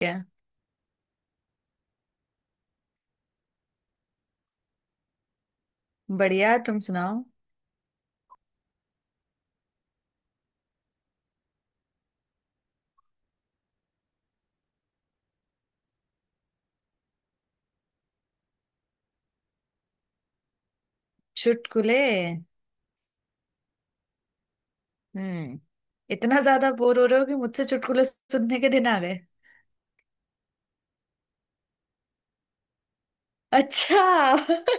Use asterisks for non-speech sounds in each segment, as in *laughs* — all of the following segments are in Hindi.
क्या? बढ़िया, तुम सुनाओ। चुटकुले? हम्म। इतना ज्यादा बोर हो रहे हो कि मुझसे चुटकुले सुनने के दिन आ गए? अच्छा। *laughs*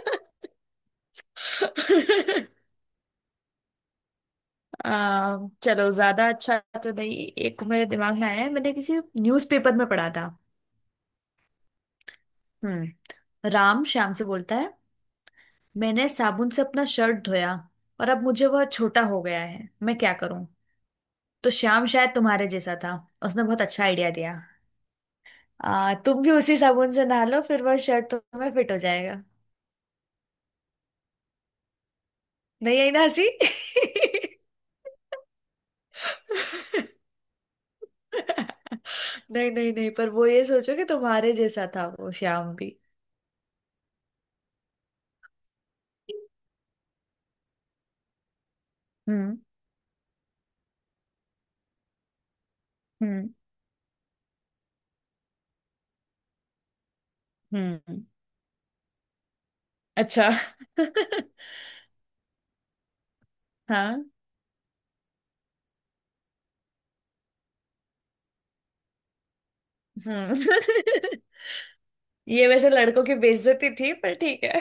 चलो ज्यादा अच्छा तो नहीं, एक मेरे दिमाग में आया है, मैंने किसी न्यूज़पेपर में पढ़ा था। हम्म, राम श्याम से बोलता है, मैंने साबुन से अपना शर्ट धोया और अब मुझे वह छोटा हो गया है, मैं क्या करूं? तो श्याम शायद तुम्हारे जैसा था, उसने बहुत अच्छा आइडिया दिया। तुम भी उसी साबुन से नहा लो फिर वह शर्ट तुम्हें फिट हो जाएगा। नहीं आई ना हंसी? *laughs* नहीं नहीं नहीं, पर वो ये सोचो कि तुम्हारे जैसा था वो श्याम भी। हम्म हम्म हम्म। अच्छा। *laughs* हाँ। हम्म। *laughs* ये वैसे लड़कों की बेइज्जती थी, पर ठीक है।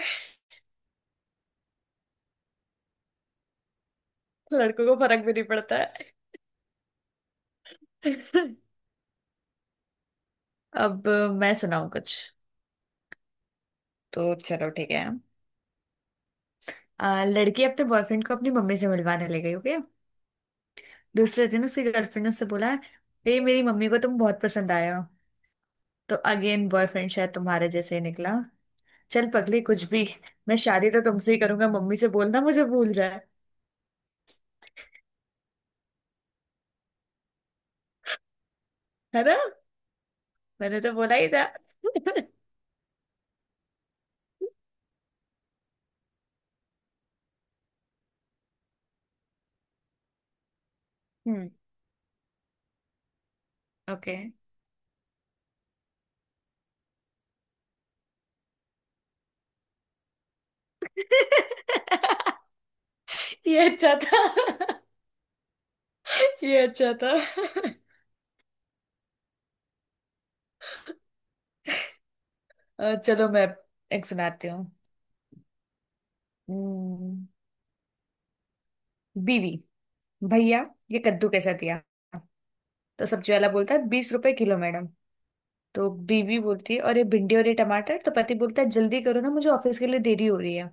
लड़कों को फर्क भी नहीं पड़ता है। *laughs* अब मैं सुनाऊं कुछ? तो चलो ठीक है। लड़की अपने बॉयफ्रेंड को अपनी मम्मी से मिलवाने ले गई, ओके। दूसरे दिन उसकी गर्लफ्रेंड ने उससे बोला, ए मेरी मम्मी को तुम बहुत पसंद आए हो। तो अगेन बॉयफ्रेंड शायद तुम्हारे जैसे ही निकला, चल पगली कुछ भी, मैं शादी तो तुमसे ही करूंगा, मम्मी से बोलना मुझे भूल जाए। है ना? मैंने तो बोला ही था। *laughs* हम्म। ओके। *laughs* ये अच्छा था। *laughs* ये अच्छा था। चलो मैं एक सुनाती हूँ। हम्म। बीवी, भैया ये कद्दू कैसा दिया? तो सब्जी वाला बोलता है, 20 रुपए किलो मैडम। तो बीवी बोलती है, और ये भिंडी और ये टमाटर? तो पति बोलता है, जल्दी करो ना मुझे ऑफिस के लिए देरी हो रही है।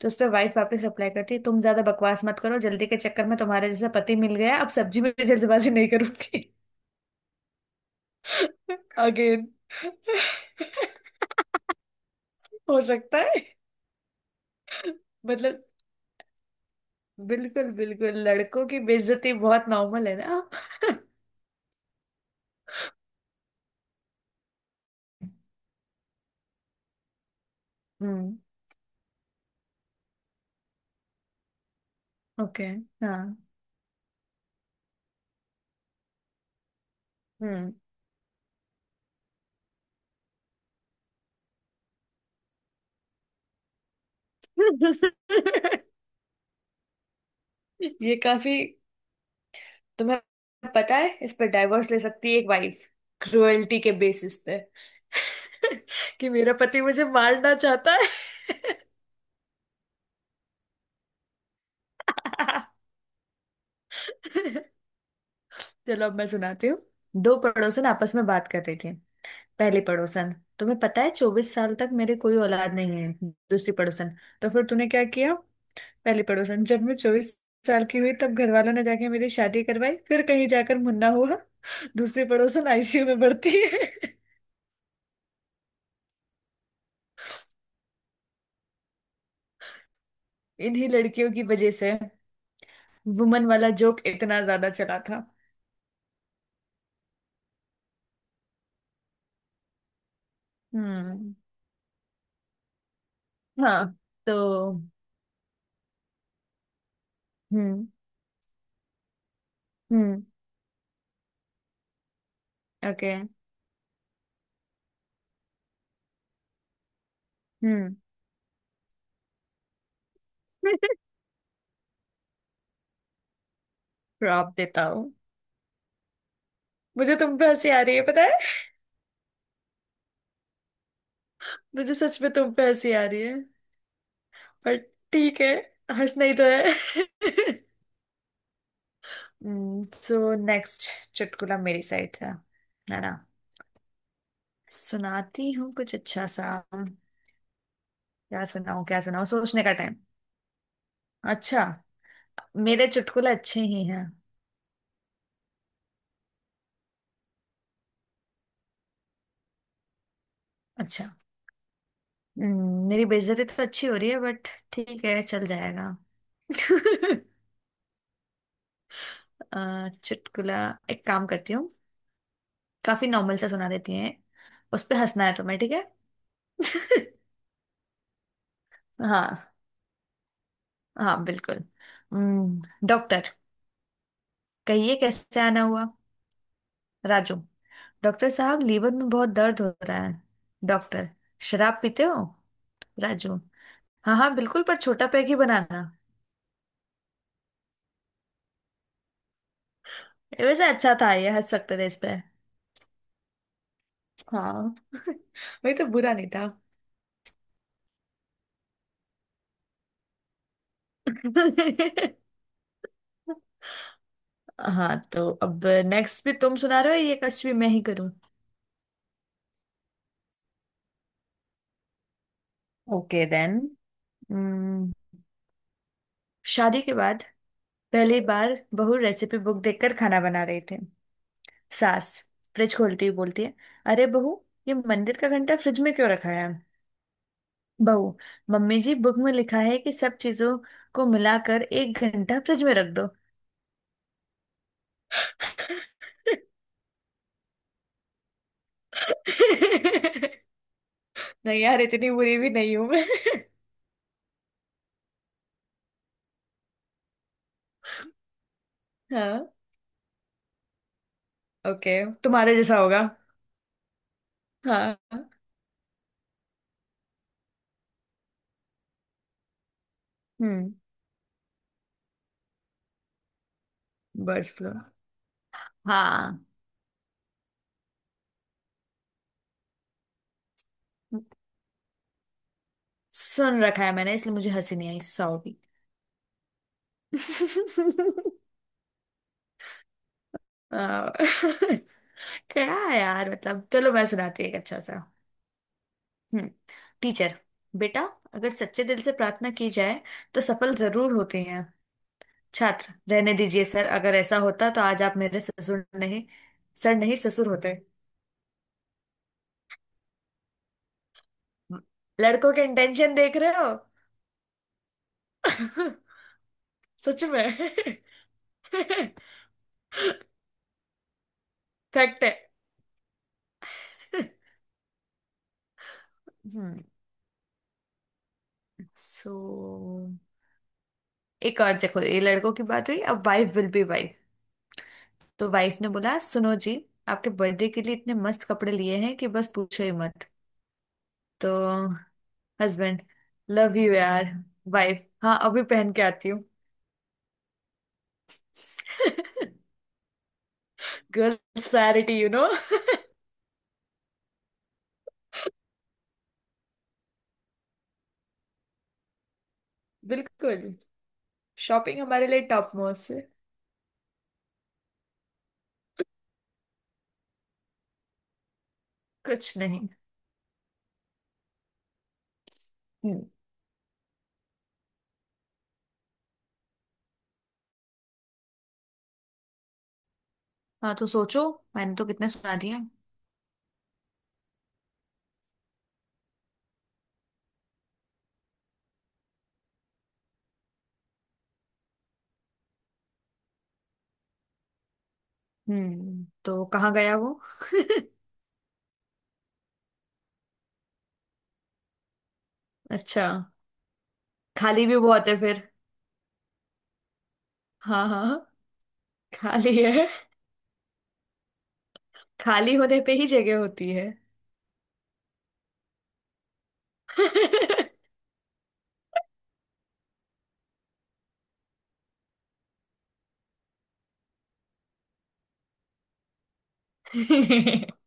तो उस पर वाइफ वापस रिप्लाई करती है, तुम ज्यादा बकवास मत करो, जल्दी के चक्कर में तुम्हारे जैसा पति मिल गया, अब सब्जी में भी जल्दबाजी नहीं करूंगी। *laughs* अगेन। हो सकता है। मतलब, बिल्कुल बिल्कुल, लड़कों की बेइज्जती बहुत नॉर्मल है ना। *laughs* हम्म। ओके। हाँ। हम्म। *laughs* ये काफी, तुम्हें पता है इस पर डाइवोर्स ले सकती है एक वाइफ, क्रुएल्टी के बेसिस पे। *laughs* कि मेरा पति मुझे मारना चाहता है। *laughs* चलो अब मैं सुनाती हूँ। दो पड़ोसन आपस में बात कर रही थी। पहली पड़ोसन, तुम्हें पता है 24 साल तक मेरे कोई औलाद नहीं है। दूसरी पड़ोसन, तो फिर तूने क्या किया? पहली पड़ोसन, जब मैं 24 साल की हुई तब घर वालों ने जाके मेरी शादी करवाई, फिर कहीं जाकर मुन्ना हुआ। दूसरी पड़ोसन आईसीयू *laughs* में भर्ती है। *laughs* इन्हीं लड़कियों की वजह से वुमन वाला जोक इतना ज्यादा चला था। हम्म। हाँ। तो हम्म। हम्म। ओके। हम्म। *laughs* प्रॉप देता हूँ। मुझे तुम पे हंसी आ रही है पता है। मुझे सच में तुम पे हंसी आ रही है। पर ठीक है, हंसना ही तो है। *laughs* सो नेक्स्ट चुटकुला मेरी साइड से है ना। सुनाती हूँ कुछ अच्छा सा। क्या सुनाऊँ, क्या सुनाऊँ, सोचने का टाइम। अच्छा, मेरे चुटकुले अच्छे ही हैं। अच्छा। मेरी बेइज्जती तो अच्छी हो रही है, बट ठीक है चल जाएगा। *laughs* चुटकुला, एक काम करती हूँ। काफी नॉर्मल सा सुना देती हैं, उस पे हंसना है तुम्हें, ठीक है? *laughs* हाँ, हाँ बिल्कुल। हम्म, डॉक्टर, कहिए कैसे आना हुआ? राजू, डॉक्टर साहब लीवर में बहुत दर्द हो रहा है। डॉक्टर, शराब पीते हो? राजू, हाँ हाँ बिल्कुल, पर छोटा पैग ही बनाना। ये वैसे अच्छा था, ये हंस सकते थे इस पे। हाँ। *laughs* वही तो, बुरा नहीं था। *laughs* हाँ तो अब नेक्स्ट भी तुम सुना रहे हो, ये कष्ट भी मैं ही करूँ? Okay then. शादी के बाद पहली बार बहू रेसिपी बुक देखकर खाना बना रहे थे। सास फ्रिज खोलती हुई बोलती है, अरे बहू ये मंदिर का घंटा फ्रिज में क्यों रखा है? बहू, मम्मी जी बुक में लिखा है कि सब चीजों को मिलाकर एक घंटा फ्रिज में रख दो। *laughs* नहीं यार, इतनी बुरी भी नहीं हूं मैं। *laughs* हाँ। ओके, तुम्हारे जैसा होगा। हाँ। हम्म। Birds flu. हाँ, सुन रखा है मैंने, इसलिए मुझे हंसी नहीं आई, सॉरी। आ, *laughs* क्या है यार, मतलब चलो मैं सुनाती हूँ एक अच्छा सा। हम्म। टीचर, बेटा अगर सच्चे दिल से प्रार्थना की जाए तो सफल जरूर होते हैं। छात्र, रहने दीजिए सर, अगर ऐसा होता तो आज आप मेरे ससुर नहीं, सर नहीं ससुर होते। लड़कों के इंटेंशन देख रहे हो? *laughs* सच में, फैक्ट है। हम्म। सो एक और देखो, ये लड़कों की बात हुई, अब वाइफ विल बी वाइफ। तो वाइफ ने बोला, सुनो जी आपके बर्थडे के लिए इतने मस्त कपड़े लिए हैं कि बस पूछो ही मत। तो हस्बैंड, लव यू यार। वाइफ, हाँ अभी पहन के आती हूँ। *laughs* Girls priority you no. *laughs* बिल्कुल। शॉपिंग हमारे लिए टॉप मोस्ट है। कुछ नहीं। हम्म। हाँ तो सोचो, मैंने तो कितने सुना दिया। हम्म, तो कहाँ गया वो? अच्छा। खाली भी बहुत है फिर। हाँ हाँ हाँ। खाली है। खाली होने पे ही जगह होती है। *laughs*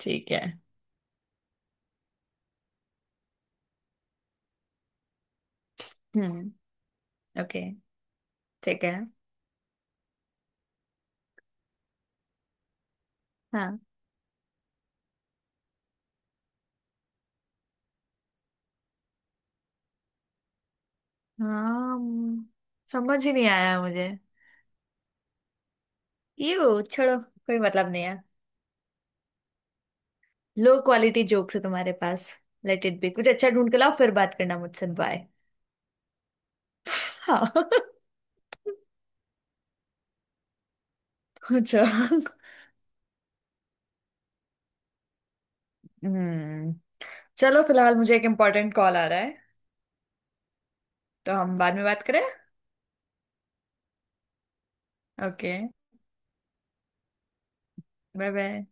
ठीक है। हम्म। ओके। ठीक है। हाँ हाँ। समझ ही नहीं आया मुझे। यू छोड़ो, कोई मतलब नहीं है। लो क्वालिटी जोक्स है तुम्हारे पास। लेट इट बी, कुछ अच्छा ढूंढ के लाओ फिर बात करना मुझसे, बाय। हाँ। *laughs* अच्छा। हम्म, चलो फिलहाल मुझे एक इम्पोर्टेंट कॉल आ रहा है, तो हम बाद में बात करें। ओके। Bye bye.